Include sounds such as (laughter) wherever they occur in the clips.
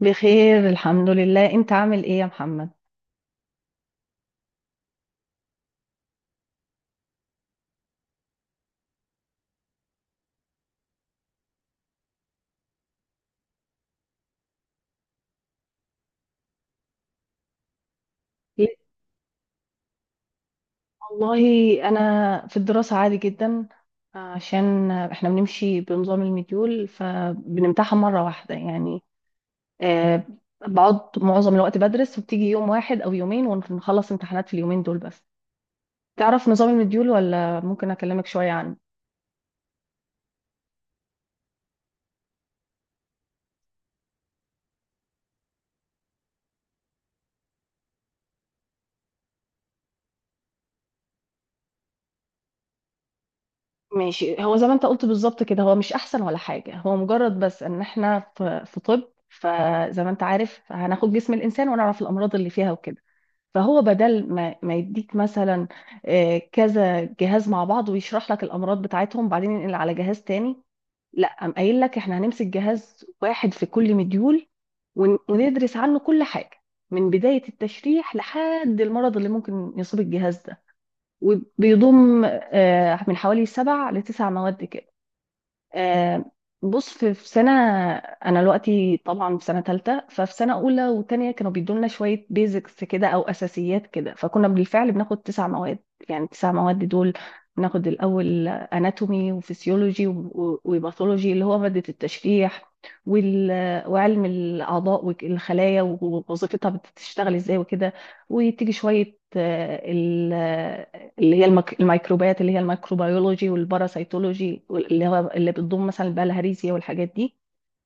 بخير الحمد لله، انت عامل ايه يا محمد؟ لا، والله انا في الدراسة عادي جدا. عشان احنا بنمشي بنظام المديول فبنمتحن مرة واحدة يعني. آه، بقعد معظم الوقت بدرس وبتيجي يوم واحد او يومين ونخلص امتحانات في اليومين دول بس. تعرف نظام المديول ولا ممكن اكلمك شوية عنه؟ ماشي، هو زي ما انت قلت بالظبط كده، هو مش احسن ولا حاجة، هو مجرد بس ان احنا في طب، فزي ما انت عارف هناخد جسم الانسان ونعرف الامراض اللي فيها وكده. فهو بدل ما يديك مثلا كذا جهاز مع بعض ويشرح لك الامراض بتاعتهم، بعدين ينقل على جهاز تاني. لا، قام قايل لك احنا هنمسك جهاز واحد في كل مديول، وندرس عنه كل حاجه من بدايه التشريح لحد المرض اللي ممكن يصيب الجهاز ده، وبيضم من حوالي سبع لتسع مواد. آه، بص في سنة، أنا دلوقتي طبعا في سنة تالتة، ففي سنة أولى وتانية كانوا بيدولنا شوية بيزكس كده أو أساسيات كده، فكنا بالفعل بناخد تسع مواد. يعني التسع مواد دول بناخد الأول أناتومي وفسيولوجي وباثولوجي اللي هو مادة التشريح، وال... وعلم الأعضاء والخلايا ووظيفتها بتشتغل إزاي وكده. وتيجي شوية اللي هي الميكروبات اللي هي الميكروبيولوجي والباراسيتولوجي اللي بتضم مثلا البلهارسيا والحاجات دي،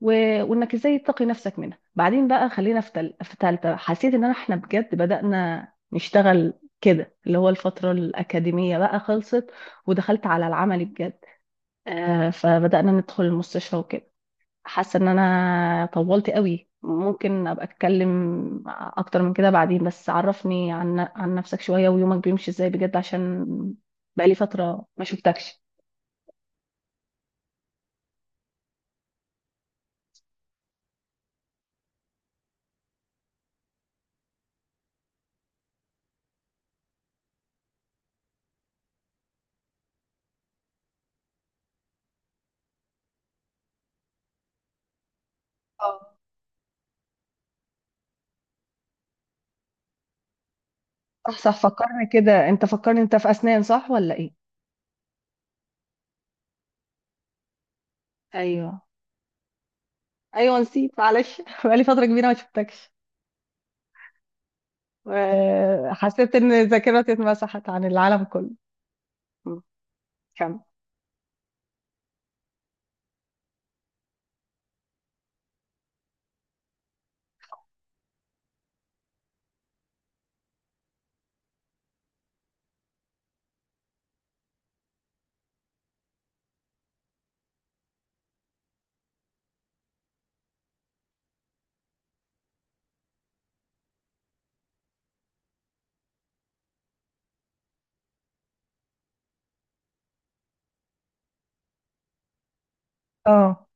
و... وانك ازاي تقي نفسك منها. بعدين بقى خلينا في تالتة، حسيت ان احنا بجد بدأنا نشتغل كده، اللي هو الفترة الأكاديمية بقى خلصت ودخلت على العملي بجد. فبدأنا ندخل المستشفى وكده. حاسه ان انا طولت قوي، ممكن ابقى اتكلم اكتر من كده بعدين، بس عرفني عن نفسك شويه ويومك بيمشي ازاي بجد، عشان بقالي فتره ما شفتكش. اه، صح صح، فكرني كده انت، فكرني انت في اسنان صح ولا ايه؟ ايوه، ايوه، نسيت معلش (laughs) بقالي فتره كبيره ما شفتكش. حسيت ان ذاكرتي اتمسحت عن العالم كله. م، كمل. اه،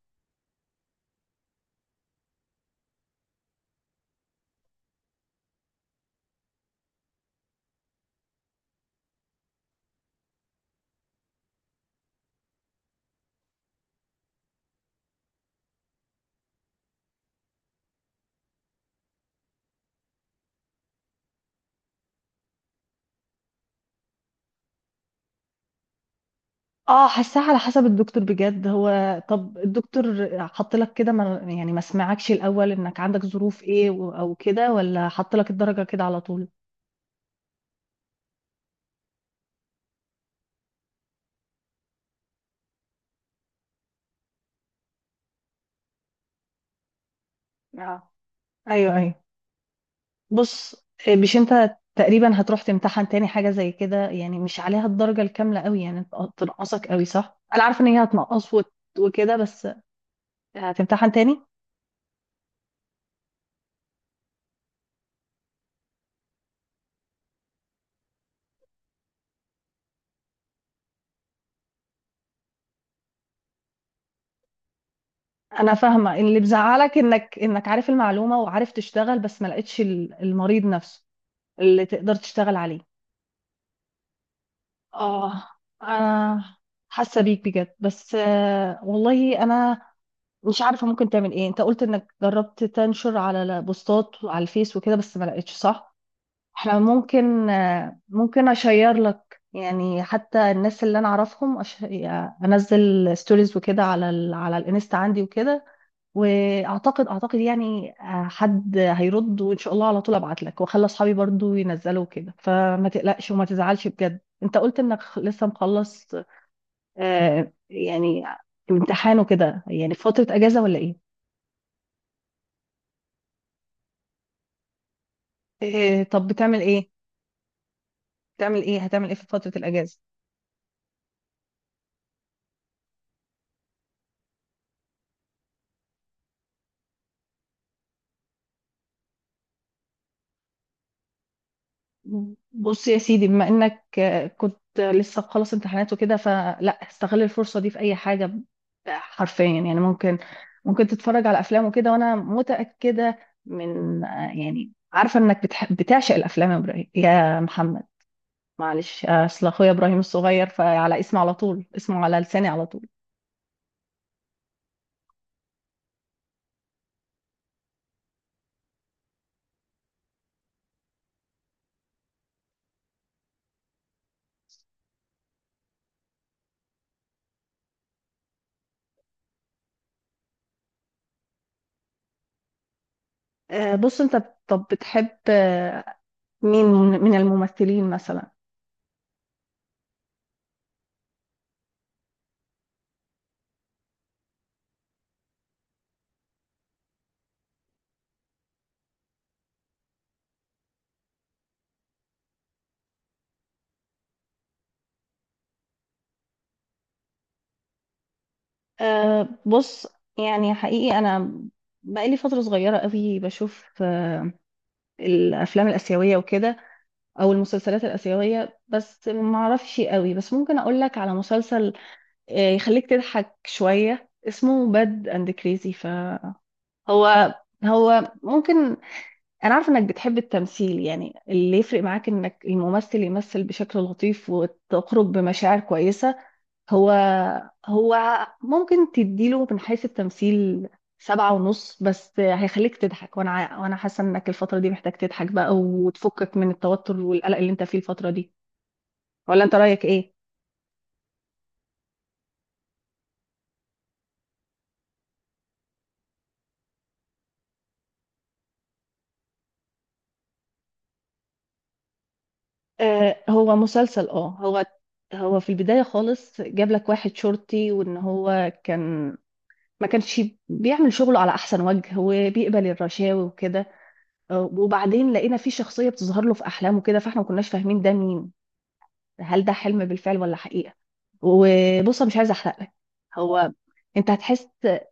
اه، حاساها على حسب الدكتور بجد. هو طب الدكتور حط لك كده، ما سمعكش الاول انك عندك ظروف ايه او كده، ولا حط لك الدرجه كده على طول؟ اه، ايوه، ايوه، بص، مش انت تقريبا هتروح تمتحن تاني حاجه زي كده يعني، مش عليها الدرجه الكامله قوي يعني، تنقصك قوي صح؟ انا عارفه ان هي هتنقص وكده بس، هتمتحن تاني. انا فاهمه، اللي بزعلك انك عارف المعلومه وعارف تشتغل، بس ما لقيتش المريض نفسه اللي تقدر تشتغل عليه. اه، انا حاسه بيك بجد، بس والله انا مش عارفه ممكن تعمل ايه. انت قلت انك جربت تنشر على بوستات على الفيس وكده بس ما لقيتش صح؟ احنا ممكن ممكن اشير لك، يعني حتى الناس اللي انا اعرفهم انزل ستوريز وكده على على الانستا عندي وكده، واعتقد اعتقد يعني حد هيرد وان شاء الله، على طول ابعت لك واخلي اصحابي برضو ينزلوا كده. فما تقلقش وما تزعلش بجد. انت قلت انك لسه مخلص يعني امتحان وكده، يعني في فترة اجازة ولا ايه؟ طب بتعمل ايه؟ هتعمل ايه في فترة الاجازة؟ بص يا سيدي، بما انك كنت لسه مخلص امتحانات وكده، فلا استغل الفرصة دي في اي حاجة، حرفيا. يعني ممكن تتفرج على افلام وكده، وانا متاكده من يعني عارفه انك بتعشق الافلام، يا إبراهيم، يا محمد. معلش، اصل اخويا ابراهيم الصغير، فعلى اسمه على طول، اسمه على لساني على طول. بص انت طب بتحب، مين من الممثلين مثلا؟ بص، يعني حقيقي انا بقالي فتره صغيره قوي بشوف الافلام الاسيويه وكده او المسلسلات الاسيويه، بس ما اعرفش قوي. بس ممكن اقول لك على مسلسل يخليك تضحك شويه، اسمه باد اند كريزي. فهو هو هو ممكن، انا عارفه انك بتحب التمثيل، يعني اللي يفرق معاك انك الممثل يمثل بشكل لطيف وتخرج بمشاعر كويسه. هو هو ممكن تديله من حيث التمثيل 7.5، بس هيخليك تضحك. وانا حاسه انك الفتره دي محتاج تضحك بقى وتفكك من التوتر والقلق اللي انت فيه الفتره دي، ولا انت رأيك ايه؟ هو مسلسل، هو في البداية خالص جاب لك واحد شرطي، وان هو كان ما كانش بيعمل شغله على احسن وجه وبيقبل الرشاوي وكده. وبعدين لقينا في شخصية بتظهر له في احلامه كده، فاحنا ما كناش فاهمين ده مين، هل ده حلم بالفعل ولا حقيقة. وبص أنا مش عايزة احرق لك، هو انت هتحس.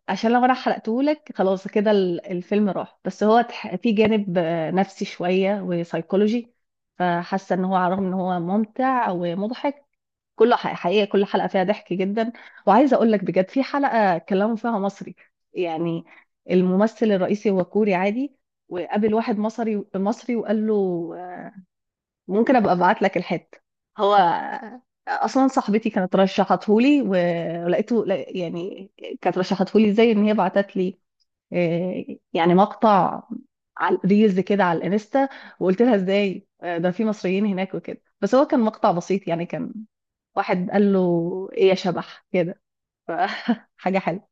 عشان لو انا حرقتهولك خلاص كده الفيلم راح. بس هو في جانب نفسي شوية وسايكولوجي، فحاسة ان هو على الرغم ان هو ممتع ومضحك كله حقيقة. كل حلقة فيها ضحك جدا، وعايزة اقول لك بجد في حلقة كلموا فيها مصري. يعني الممثل الرئيسي هو كوري عادي، وقابل واحد مصري مصري وقال له. ممكن ابقى ابعت لك الحته، هو اصلا صاحبتي كانت رشحتهولي ولقيته، يعني كانت رشحتهولي ازاي، ان هي بعتت لي آه، يعني مقطع على ريلز كده على الانستا، وقلت لها ازاي، ده في مصريين هناك وكده، بس هو كان مقطع بسيط يعني، كان واحد قال له ايه يا شبح كده. (laughs) ف- حاجه حلوه.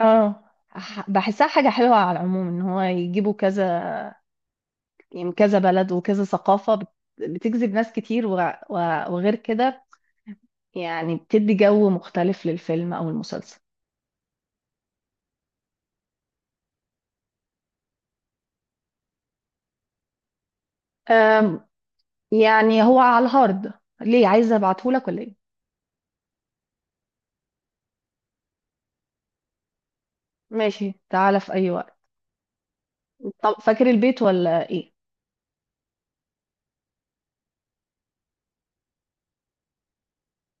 اه، بحسها حاجه حلوه على العموم، ان هو يجيبوا كذا، يعني كذا بلد وكذا ثقافة بتجذب ناس كتير، وغير كده يعني، بتدي جو مختلف للفيلم أو المسلسل. أم، يعني هو على الهارد. ليه عايزة ابعتهولك ولا ايه؟ ماشي، تعالى في أي وقت. طب فاكر البيت ولا ايه؟